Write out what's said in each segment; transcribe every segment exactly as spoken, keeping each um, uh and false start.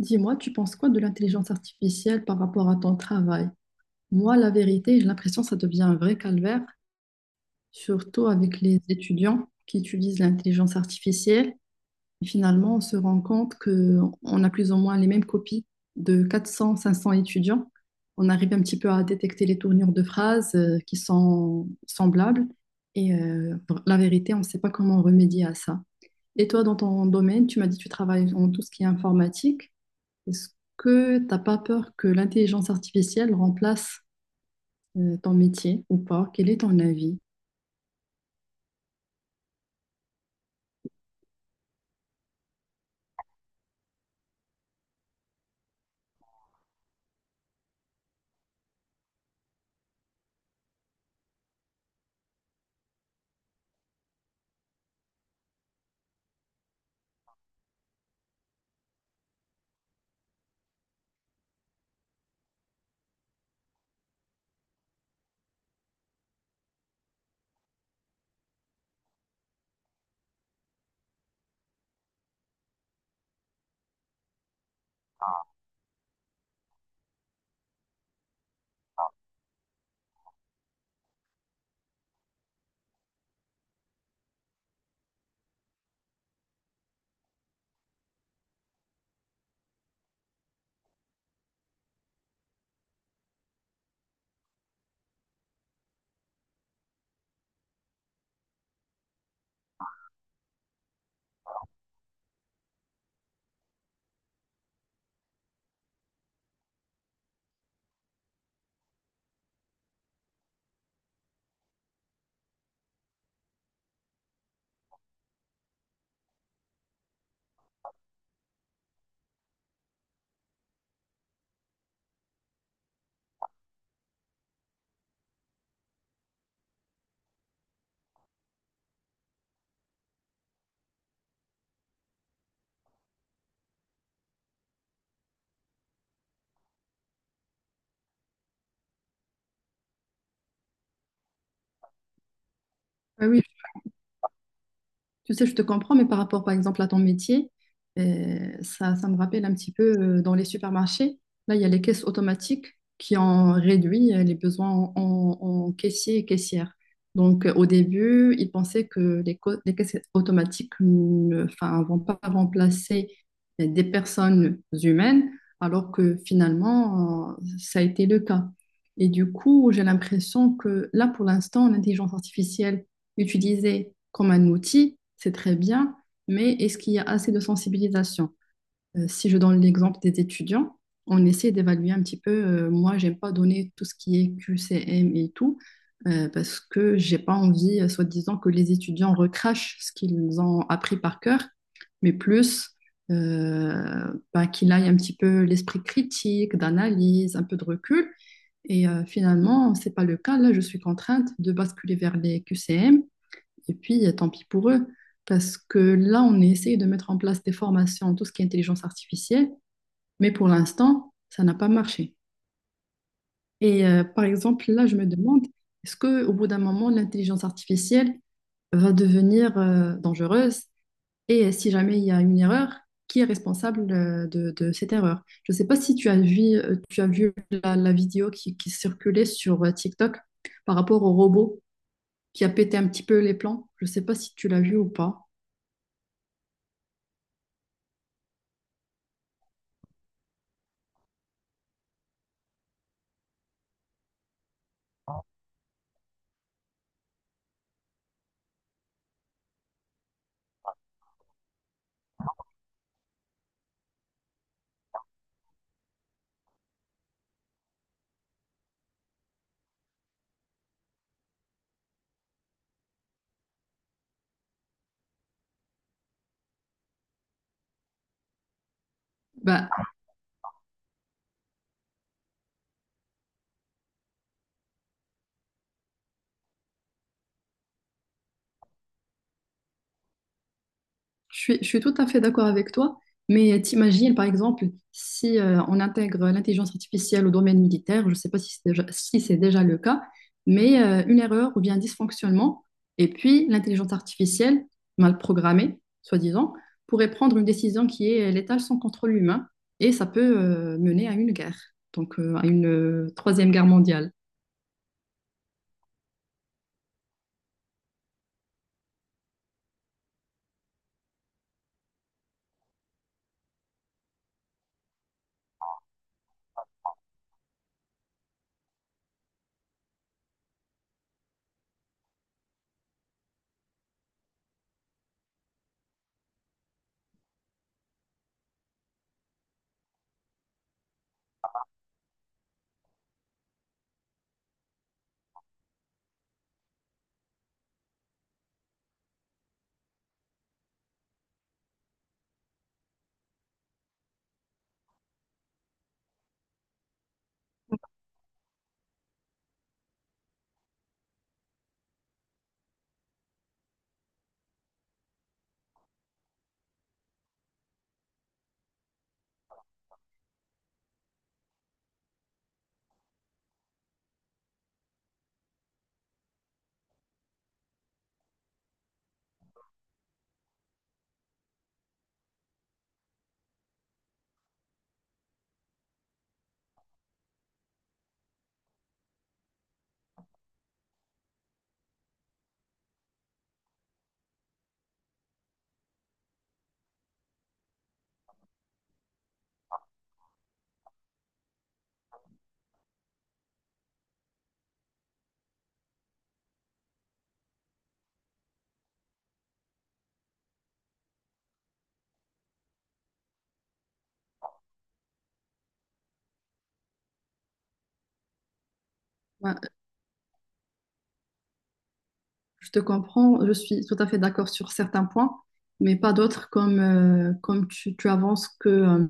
Dis-moi, tu penses quoi de l'intelligence artificielle par rapport à ton travail? Moi, la vérité, j'ai l'impression que ça devient un vrai calvaire, surtout avec les étudiants qui utilisent l'intelligence artificielle. Et finalement, on se rend compte qu'on a plus ou moins les mêmes copies de quatre cents, cinq cents étudiants. On arrive un petit peu à détecter les tournures de phrases euh, qui sont semblables. Et euh, la vérité, on ne sait pas comment remédier à ça. Et toi, dans ton domaine, tu m'as dit que tu travailles en tout ce qui est informatique. Est-ce que t'as pas peur que l'intelligence artificielle remplace euh, ton métier ou pas? Quel est ton avis? Ah oui, tu sais, je te comprends, mais par rapport, par exemple, à ton métier, euh, ça, ça me rappelle un petit peu euh, dans les supermarchés. Là, il y a les caisses automatiques qui ont réduit euh, les besoins en, en- en caissiers et caissières. Donc, euh, au début, ils pensaient que les, co- les caisses automatiques ne enfin, vont pas remplacer euh, des personnes humaines, alors que finalement, euh, ça a été le cas. Et du coup, j'ai l'impression que là, pour l'instant, l'intelligence artificielle utilisé comme un outil, c'est très bien, mais est-ce qu'il y a assez de sensibilisation euh, Si je donne l'exemple des étudiants, on essaie d'évaluer un petit peu. Euh, moi, j'aime pas donner tout ce qui est Q C M et tout, euh, parce que j'ai pas envie, euh, soi-disant, que les étudiants recrachent ce qu'ils ont appris par cœur, mais plus euh, bah, qu'il aille un petit peu l'esprit critique, d'analyse, un peu de recul. Et euh, finalement, c'est pas le cas. Là, je suis contrainte de basculer vers les Q C M et puis, euh, tant pis pour eux, parce que là, on essaye de mettre en place des formations, tout ce qui est intelligence artificielle, mais pour l'instant, ça n'a pas marché. Et euh, par exemple, là, je me demande, est-ce que au bout d'un moment, l'intelligence artificielle va devenir euh, dangereuse? Et si jamais il y a une erreur, qui est responsable euh, de, de cette erreur? Je ne sais pas si tu as vu, euh, tu as vu la, la vidéo qui, qui circulait sur euh, TikTok par rapport au robot qui a pété un petit peu les plans. Je ne sais pas si tu l'as vu ou pas. Bah, Je suis, je suis tout à fait d'accord avec toi, mais t'imagines, par exemple, si euh, on intègre l'intelligence artificielle au domaine militaire, je ne sais pas si c'est déjà, si c'est déjà le cas, mais euh, une erreur ou bien un dysfonctionnement, et puis l'intelligence artificielle, mal programmée, soi-disant, pourrait prendre une décision qui est létale sans contrôle humain, et ça peut euh, mener à une guerre, donc euh, à une euh, troisième guerre mondiale. Je te comprends, je suis tout à fait d'accord sur certains points, mais pas d'autres comme, euh, comme tu, tu avances que euh,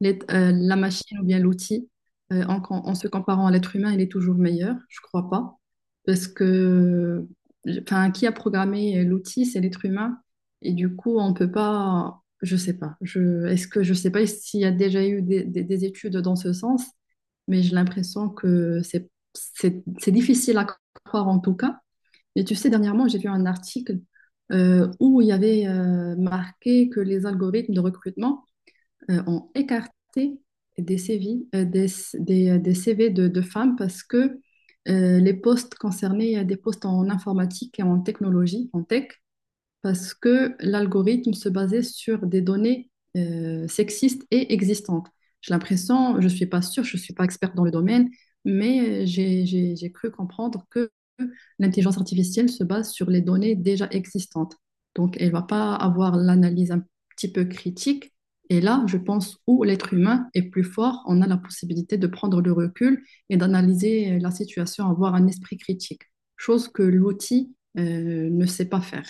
les- euh, la machine ou bien l'outil, euh, en, com- en se comparant à l'être humain, il est toujours meilleur. Je crois pas. Parce que enfin, qui a programmé l'outil, c'est l'être humain. Et du coup, on peut pas, je sais pas. Je, est-ce que je sais pas s'il y a déjà eu des, des- des études dans ce sens, mais j'ai l'impression que c'est, c'est, c'est difficile à croire en tout cas. Et tu sais, dernièrement, j'ai vu un article euh, où il y avait euh, marqué que les algorithmes de recrutement euh, ont écarté des C V, euh, des, des- euh, des C V de, de femmes parce que euh, les postes concernés, euh, des postes en informatique et en technologie, en tech, parce que l'algorithme se basait sur des données euh, sexistes et existantes. J'ai l'impression, je ne suis pas sûre, je ne suis pas experte dans le domaine, mais euh, j'ai j'ai- j'ai cru comprendre que l'intelligence artificielle se base sur les données déjà existantes. Donc, elle ne va pas avoir l'analyse un petit peu critique. Et là, je pense où l'être humain est plus fort, on a la possibilité de prendre le recul et d'analyser euh, la situation, avoir un esprit critique, chose que l'outil euh, ne sait pas faire.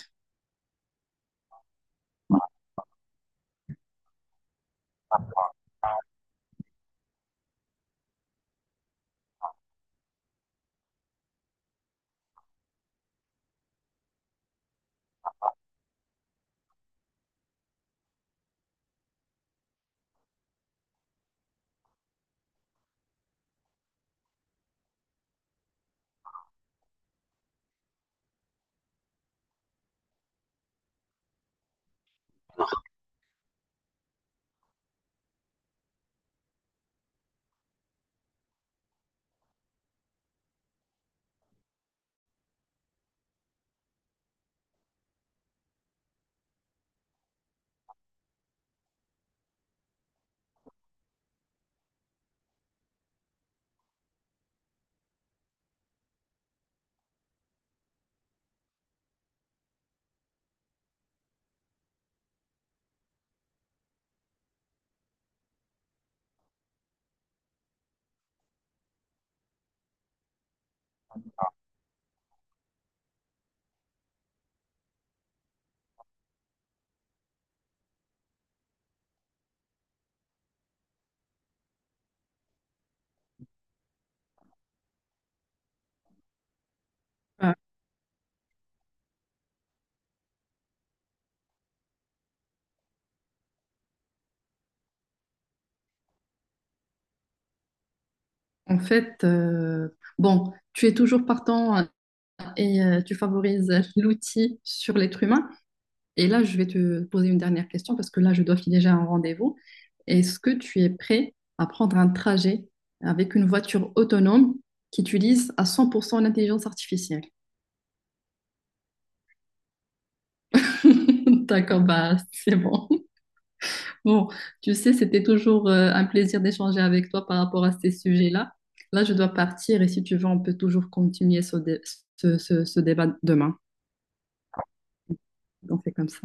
En fait, euh, bon, tu es toujours partant hein, et euh, tu favorises euh, l'outil sur l'être humain. Et là, je vais te poser une dernière question parce que là, je dois filer déjà un rendez-vous. Est-ce que tu es prêt à prendre un trajet avec une voiture autonome qui utilise à cent pour cent l'intelligence artificielle? D'accord, bah c'est bon. Bon, tu sais, c'était toujours euh, un plaisir d'échanger avec toi par rapport à ces sujets-là. Là, je dois partir et si tu veux, on peut toujours continuer ce dé- ce- ce- ce débat demain. Donc c'est comme ça.